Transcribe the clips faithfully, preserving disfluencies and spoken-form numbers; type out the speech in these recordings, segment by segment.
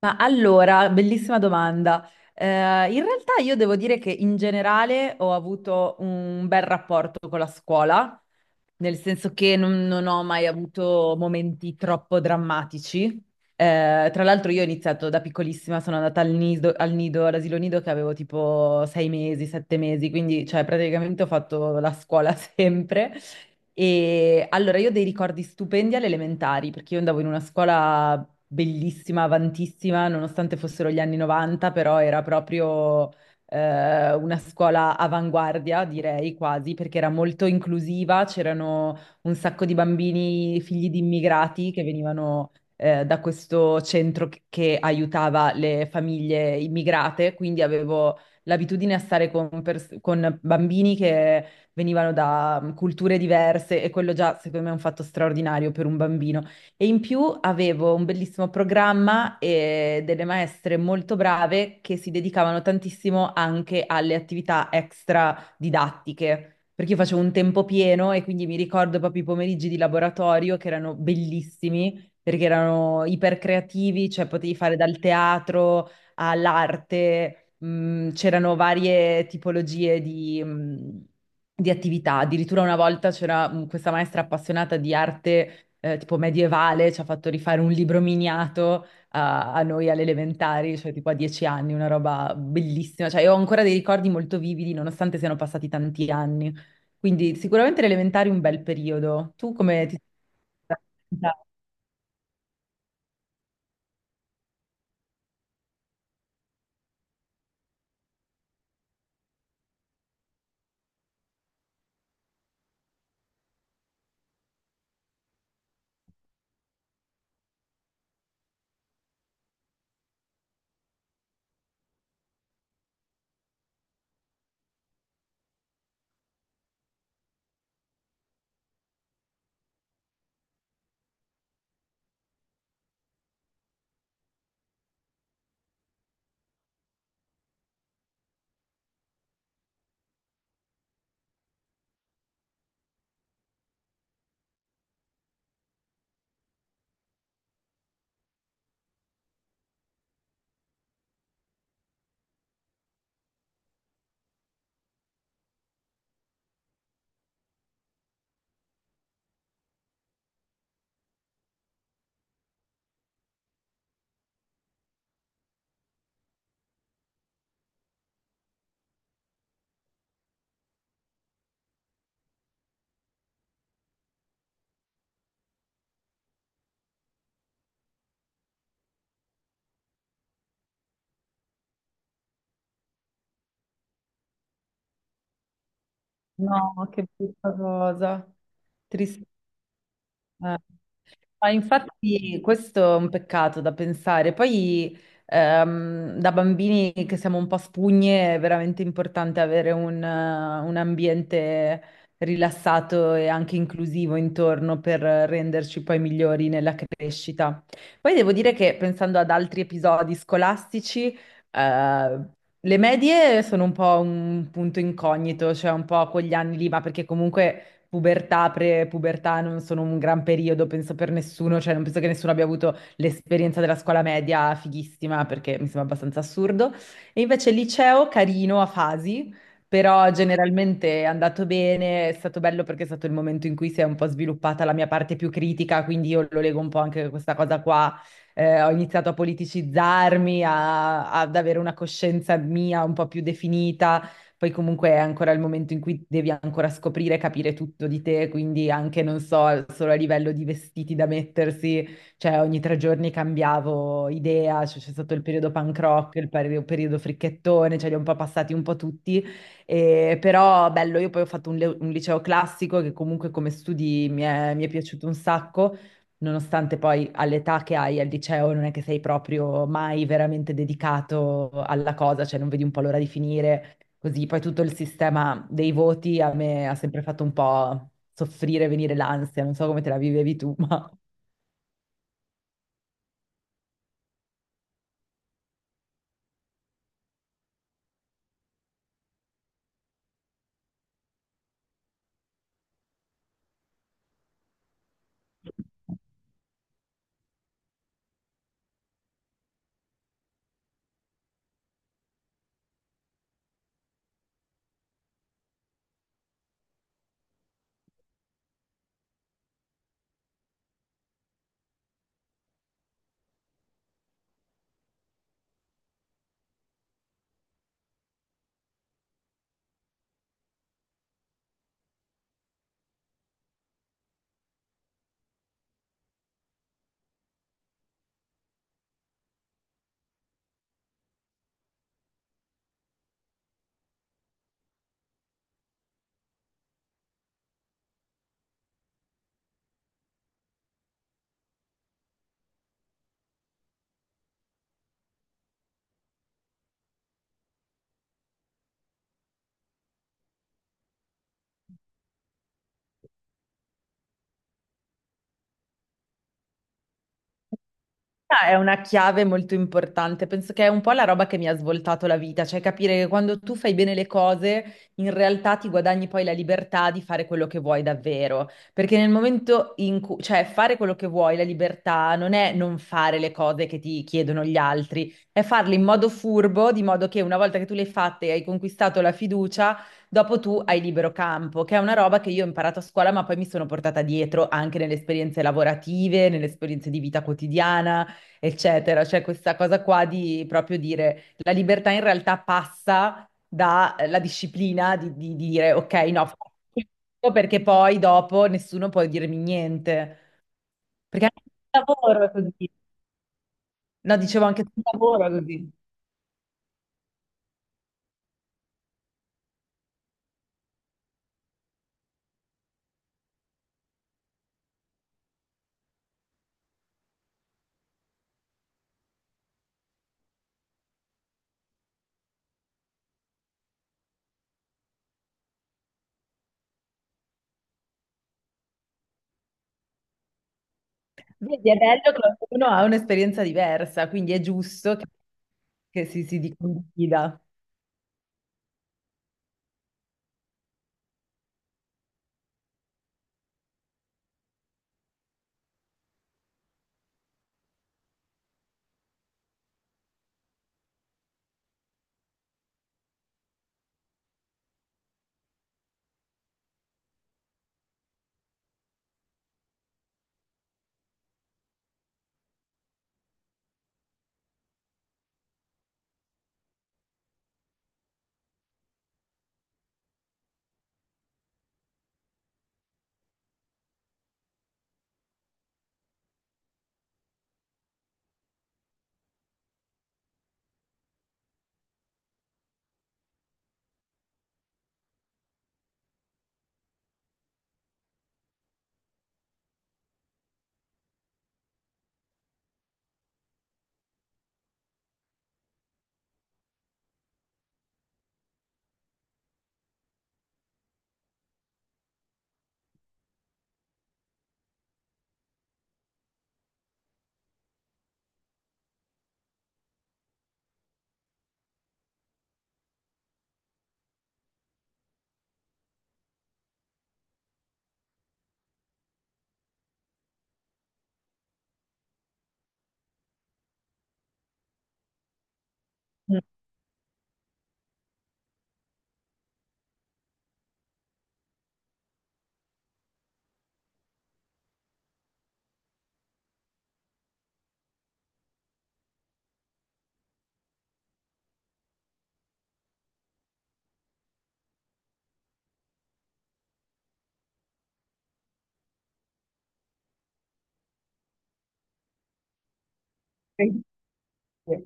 Ma allora, bellissima domanda. Eh, in realtà io devo dire che in generale ho avuto un bel rapporto con la scuola, nel senso che non, non ho mai avuto momenti troppo drammatici. Eh, tra l'altro io ho iniziato da piccolissima, sono andata al nido, al nido, all'asilo nido che avevo tipo sei mesi, sette mesi, quindi cioè praticamente ho fatto la scuola sempre. E allora io ho dei ricordi stupendi alle elementari, perché io andavo in una scuola bellissima, avantissima, nonostante fossero gli anni novanta, però era proprio eh, una scuola avanguardia, direi quasi, perché era molto inclusiva, c'erano un sacco di bambini figli di immigrati che venivano eh, da questo centro che che aiutava le famiglie immigrate, quindi avevo l'abitudine a stare con, pers- con bambini che venivano da mm, culture diverse e quello già secondo me è un fatto straordinario per un bambino. E in più avevo un bellissimo programma e delle maestre molto brave che si dedicavano tantissimo anche alle attività extra didattiche. Perché io facevo un tempo pieno e quindi mi ricordo proprio i pomeriggi di laboratorio che erano bellissimi perché erano ipercreativi, cioè potevi fare dal teatro all'arte, mh, c'erano varie tipologie di, mh, di attività. Addirittura una volta c'era mh, questa maestra appassionata di arte eh, tipo medievale, ci ha fatto rifare un libro miniato a, a noi alle elementari, cioè tipo a dieci anni, una roba bellissima. Cioè, io ho ancora dei ricordi molto vividi, nonostante siano passati tanti anni. Quindi sicuramente le elementari un bel periodo. Tu come ti... No, che brutta cosa. Triste. Ma infatti questo è un peccato da pensare. Poi ehm, da bambini che siamo un po' spugne è veramente importante avere un, eh, un ambiente rilassato e anche inclusivo intorno per renderci poi migliori nella crescita. Poi devo dire che pensando ad altri episodi scolastici, eh, le medie sono un po' un punto incognito, cioè un po' quegli anni lì, ma perché comunque pubertà, pre-pubertà non sono un gran periodo, penso per nessuno, cioè non penso che nessuno abbia avuto l'esperienza della scuola media fighissima perché mi sembra abbastanza assurdo. E invece il liceo carino a fasi, però generalmente è andato bene, è stato bello perché è stato il momento in cui si è un po' sviluppata la mia parte più critica, quindi io lo leggo un po' anche a questa cosa qua. Eh, ho iniziato a politicizzarmi, a- ad avere una coscienza mia un po' più definita, poi comunque è ancora il momento in cui devi ancora scoprire, capire tutto di te, quindi anche, non so, solo a livello di vestiti da mettersi, cioè ogni tre giorni cambiavo idea, cioè, c'è stato il periodo punk rock, il peri- periodo fricchettone, cioè li ho un po' passati un po' tutti, e- però bello, io poi ho fatto un, le- un liceo classico che comunque come studi mi è mi è piaciuto un sacco nonostante poi all'età che hai al liceo non è che sei proprio mai veramente dedicato alla cosa, cioè non vedi un po' l'ora di finire. Così poi tutto il sistema dei voti a me ha sempre fatto un po' soffrire, venire l'ansia, non so come te la vivevi tu, ma... Ah, è una chiave molto importante, penso che è un po' la roba che mi ha svoltato la vita, cioè capire che quando tu fai bene le cose, in realtà ti guadagni poi la libertà di fare quello che vuoi davvero, perché nel momento in cui, cioè fare quello che vuoi, la libertà non è non fare le cose che ti chiedono gli altri, è farle in modo furbo, di modo che una volta che tu le hai fatte e hai conquistato la fiducia, dopo tu hai libero campo, che è una roba che io ho imparato a scuola, ma poi mi sono portata dietro anche nelle esperienze lavorative, nelle esperienze di vita quotidiana eccetera. Cioè questa cosa qua di proprio dire la libertà in realtà passa dalla disciplina di, di dire ok, no, faccio questo perché poi dopo nessuno può dirmi niente. Perché anche sul lavoro è così. No, dicevo anche sul lavoro è così. Vedi, è bello che ognuno ha un'esperienza diversa, quindi è giusto che, che si, si condivida. Mm. Sì, sì.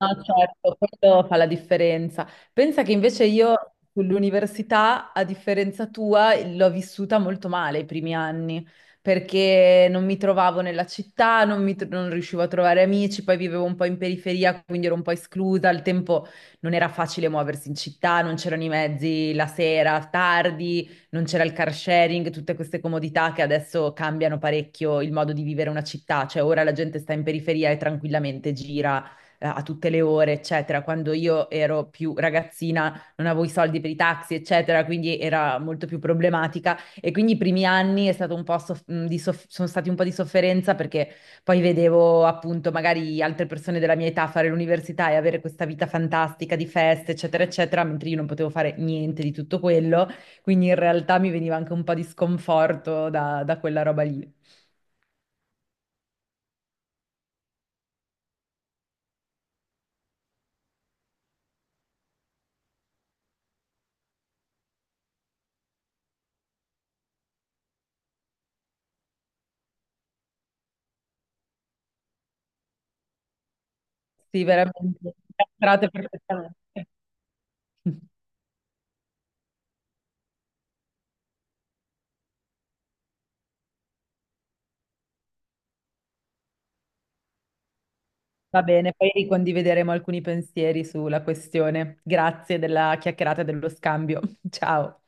No, certo, quello fa la differenza. Pensa che invece io sull'università, a differenza tua, l'ho vissuta molto male i primi anni, perché non mi trovavo nella città, non, mi tro- non riuscivo a trovare amici, poi vivevo un po' in periferia, quindi ero un po' esclusa. Al tempo non era facile muoversi in città, non c'erano i mezzi la sera, tardi, non c'era il car sharing, tutte queste comodità che adesso cambiano parecchio il modo di vivere una città. Cioè ora la gente sta in periferia e tranquillamente gira eh, a tutte le ore, eccetera. Quando io ero più ragazzina non avevo i soldi per i taxi, eccetera, quindi era molto più problematica. E quindi i primi anni è stato un po' soff- mh, di soff- sono stati un po' di sofferenza perché poi vedevo appunto magari altre persone della mia età fare l'università e avere questa vita fantastica di feste, eccetera, eccetera, mentre io non potevo fare niente di tutto quello. Quindi in realtà mi veniva anche un po' di sconforto da, da quella roba lì. Sì, veramente. Castrate perfettamente. Va bene, poi ricondivideremo alcuni pensieri sulla questione. Grazie della chiacchierata e dello scambio. Ciao.